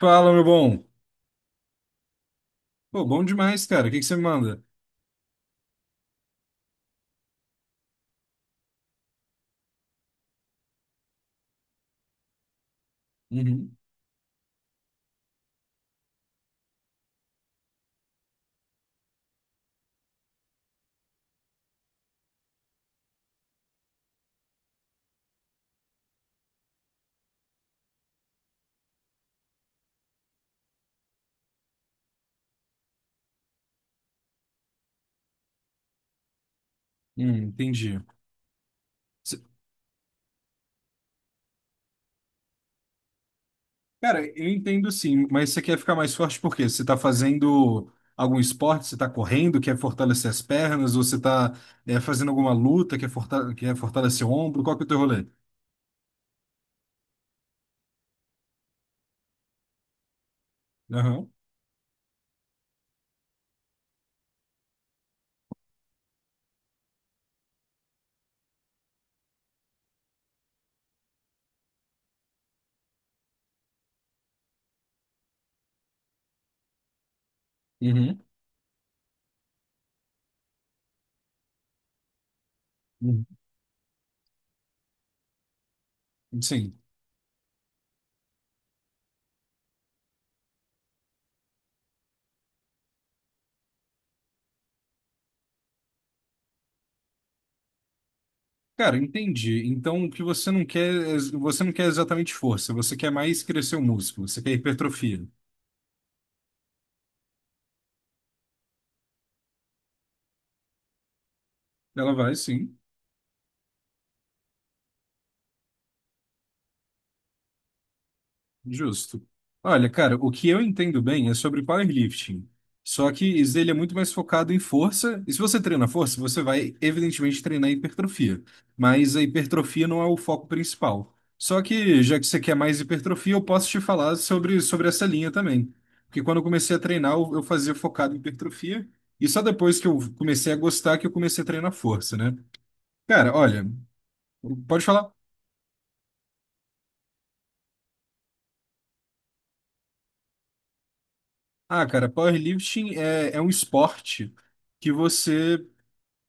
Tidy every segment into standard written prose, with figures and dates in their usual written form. Fala, meu bom. Pô, bom demais, cara. O que que você me manda? Uhum. Entendi. Cê- Cara, eu entendo sim, mas você quer ficar mais forte por quê? Você tá fazendo algum esporte? Você tá correndo, quer fortalecer as pernas? Ou você tá fazendo alguma luta, quer, quer fortalecer o ombro? Qual que é o teu rolê? Aham. Uhum. Uhum. Sim. Cara, entendi. Então, o que você não quer, você não quer exatamente força, você quer mais crescer o músculo, você quer hipertrofia. Ela vai, sim. Justo. Olha, cara, o que eu entendo bem é sobre powerlifting. Só que isso ele é muito mais focado em força. E se você treina força, você vai, evidentemente, treinar hipertrofia. Mas a hipertrofia não é o foco principal. Só que, já que você quer mais hipertrofia, eu posso te falar sobre essa linha também. Porque quando eu comecei a treinar, eu fazia focado em hipertrofia. E só depois que eu comecei a gostar que eu comecei a treinar força, né? Cara, olha, pode falar. Ah, cara, powerlifting é um esporte que você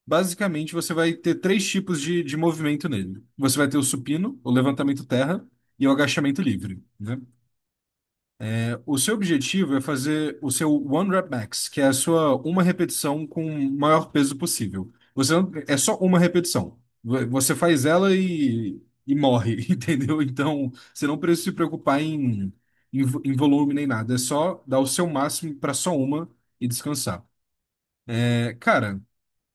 basicamente, você vai ter três tipos de movimento nele. Você vai ter o supino, o levantamento terra e o agachamento livre, né? O seu objetivo é fazer o seu one rep max, que é a sua uma repetição com o maior peso possível. Você não- É só uma repetição. Você faz ela e morre, entendeu? Então, você não precisa se preocupar em volume nem nada. É só dar o seu máximo para só uma e descansar. É, cara.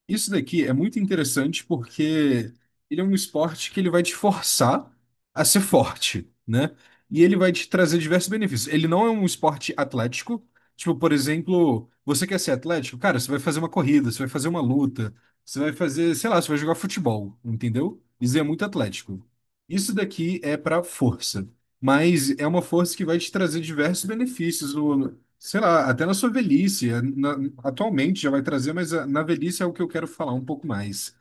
Isso daqui é muito interessante porque ele é um esporte que ele vai te forçar a ser forte, né? E ele vai te trazer diversos benefícios. Ele não é um esporte atlético. Tipo, por exemplo, você quer ser atlético? Cara, você vai fazer uma corrida, você vai fazer uma luta, você vai fazer, sei lá, você vai jogar futebol, entendeu? Isso é muito atlético. Isso daqui é para força, mas é uma força que vai te trazer diversos benefícios, sei lá, até na sua velhice, atualmente já vai trazer, mas ah, na velhice é o que eu quero falar um pouco mais.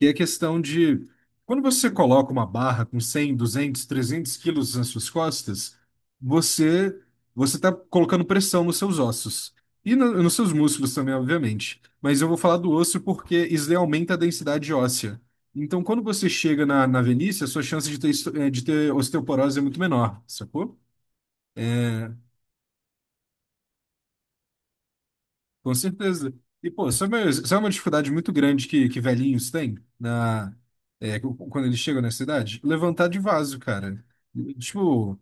E a questão de quando você coloca uma barra com 100, 200, 300 quilos nas suas costas, você você está colocando pressão nos seus ossos e nos seus músculos também, obviamente. Mas eu vou falar do osso porque isso daí aumenta a densidade óssea. Então, quando você chega na, na velhice, a sua chance de ter, de ter osteoporose é muito menor, sacou? Com certeza. E, pô, isso é uma dificuldade muito grande que velhinhos têm na, quando eles chegam na cidade. Levantar de vaso, cara. Tipo,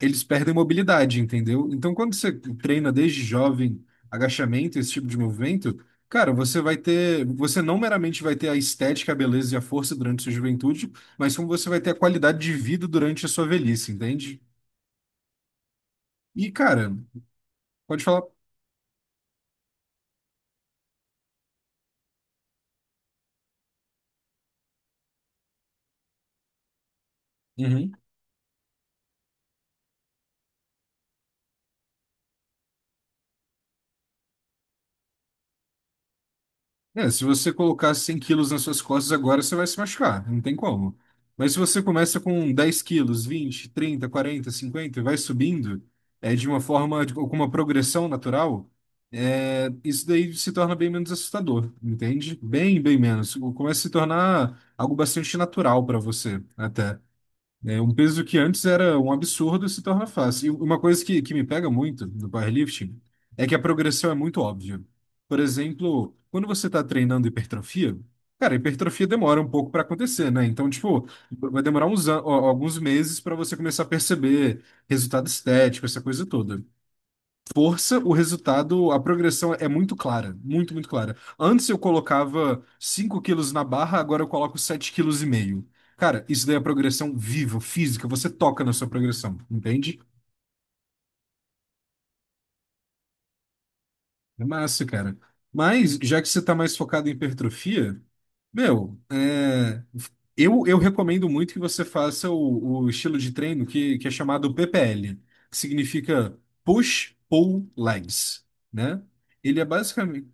eles perdem mobilidade, entendeu? Então, quando você treina desde jovem agachamento, esse tipo de movimento, cara, você vai ter. Você não meramente vai ter a estética, a beleza e a força durante a sua juventude, mas como você vai ter a qualidade de vida durante a sua velhice, entende? E, cara, pode falar. Uhum. É, se você colocar 100 quilos nas suas costas agora, você vai se machucar, não tem como. Mas se você começa com 10 quilos, 20, 30, 40, 50 e vai subindo, é, de uma forma, com uma progressão natural, é, isso daí se torna bem menos assustador, entende? Bem, bem menos. Começa a se tornar algo bastante natural para você, até. É, um peso que antes era um absurdo se torna fácil. E uma coisa que me pega muito no powerlifting é que a progressão é muito óbvia. Por exemplo, quando você está treinando hipertrofia, cara, a hipertrofia demora um pouco para acontecer, né? Então, tipo, vai demorar uns, ó, alguns meses para você começar a perceber resultado estético, essa coisa toda, força, o resultado, a progressão é muito clara, muito, muito clara. Antes eu colocava 5 quilos na barra, agora eu coloco sete quilos e meio. Cara, isso daí é progressão viva, física, você toca na sua progressão, entende? É massa, cara. Mas, já que você tá mais focado em hipertrofia, meu, é, eu recomendo muito que você faça o estilo de treino que é chamado PPL, que significa Push Pull Legs, né? Ele é basicamente,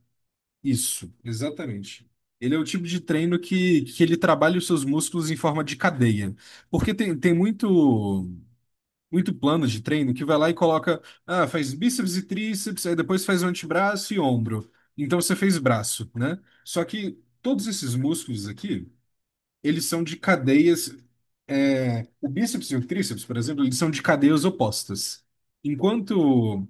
isso, exatamente. Ele é o tipo de treino que ele trabalha os seus músculos em forma de cadeia. Porque muito plano de treino que vai lá e coloca, ah, faz bíceps e tríceps, aí depois faz o antebraço e ombro. Então você fez braço, né? Só que todos esses músculos aqui eles são de cadeias. É, o bíceps e o tríceps, por exemplo, eles são de cadeias opostas. Enquanto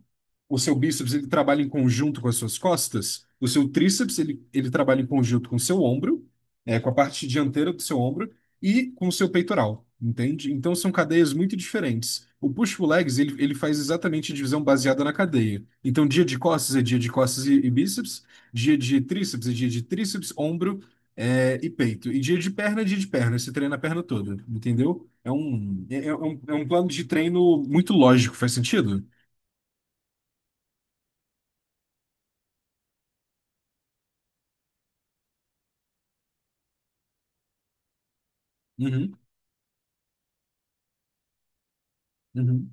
o seu bíceps ele trabalha em conjunto com as suas costas, o seu tríceps ele trabalha em conjunto com o seu ombro, é, com a parte dianteira do seu ombro e com o seu peitoral, entende? Então são cadeias muito diferentes. O push-pull-legs ele faz exatamente divisão baseada na cadeia. Então dia de costas é dia de costas e bíceps, dia de tríceps é dia de tríceps, ombro, é, e peito. E dia de perna é dia de perna. Você treina a perna toda, entendeu? É um plano de treino muito lógico, faz sentido? Uhum, uhum.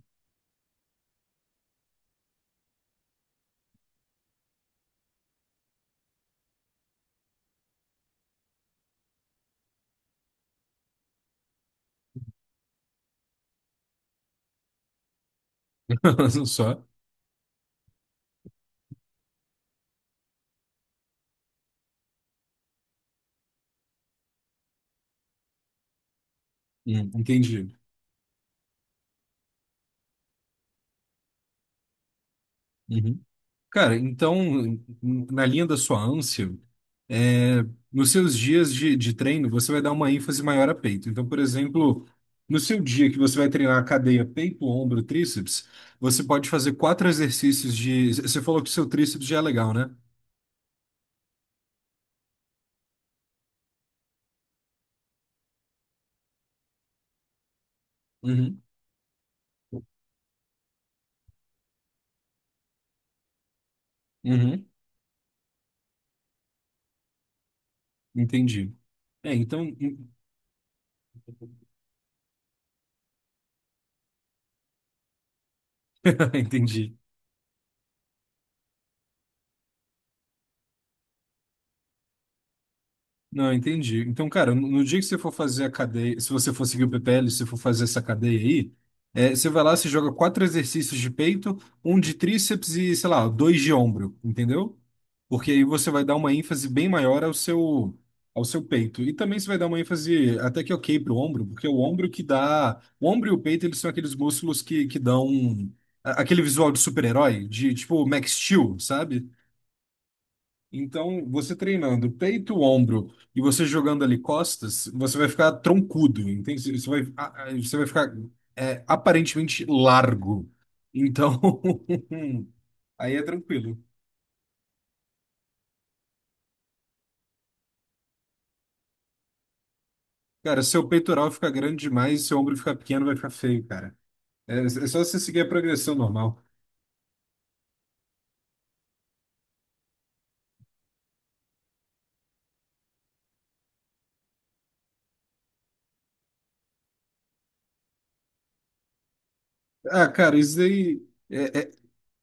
Só. Uhum, entendi. Uhum. Cara, então, na linha da sua ânsia, é, nos seus dias de treino, você vai dar uma ênfase maior a peito. Então, por exemplo, no seu dia que você vai treinar a cadeia peito, ombro, tríceps, você pode fazer quatro exercícios de. Você falou que o seu tríceps já é legal, né? Uhum. Uhum. Entendi. É, então. Entendi. Não, entendi. Então, cara, no no dia que você for fazer a cadeia, se você for seguir o PPL, se você for fazer essa cadeia aí, é, você vai lá, você joga quatro exercícios de peito, um de tríceps e, sei lá, dois de ombro, entendeu? Porque aí você vai dar uma ênfase bem maior ao seu peito. E também você vai dar uma ênfase até que ok pro ombro, porque é o ombro que dá. O ombro e o peito, eles são aqueles músculos que dão aquele visual de super-herói, de tipo Max Steel, sabe? Então, você treinando peito, ombro e você jogando ali costas, você vai ficar troncudo, entende? Você vai ficar é, aparentemente largo. Então, aí é tranquilo. Cara, seu peitoral fica grande demais, seu ombro fica pequeno, vai ficar feio, cara. É só você seguir a progressão normal. Ah, cara, isso daí. é, é,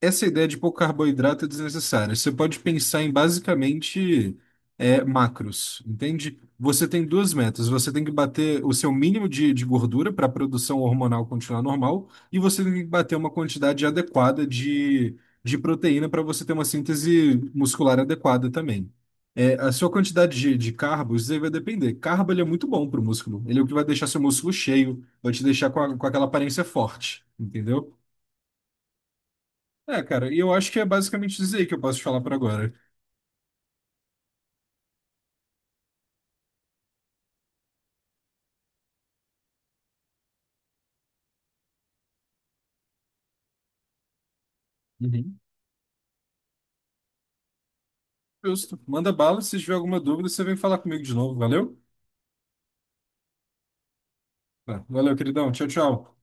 essa ideia de pouco carboidrato é desnecessária. Você pode pensar em basicamente é, macros, entende? Você tem duas metas. Você tem que bater o seu mínimo de gordura para a produção hormonal continuar normal, e você tem que bater uma quantidade adequada de proteína para você ter uma síntese muscular adequada também. É, a sua quantidade de carbo, isso aí vai depender. Carbo, ele é muito bom para o músculo. Ele é o que vai deixar seu músculo cheio, vai te deixar com, com aquela aparência forte, entendeu? É, cara, e eu acho que é basicamente isso aí que eu posso te falar por agora. Uhum. Justo. Manda bala, se tiver alguma dúvida, você vem falar comigo de novo, valeu? Tá, valeu, queridão. Tchau, tchau.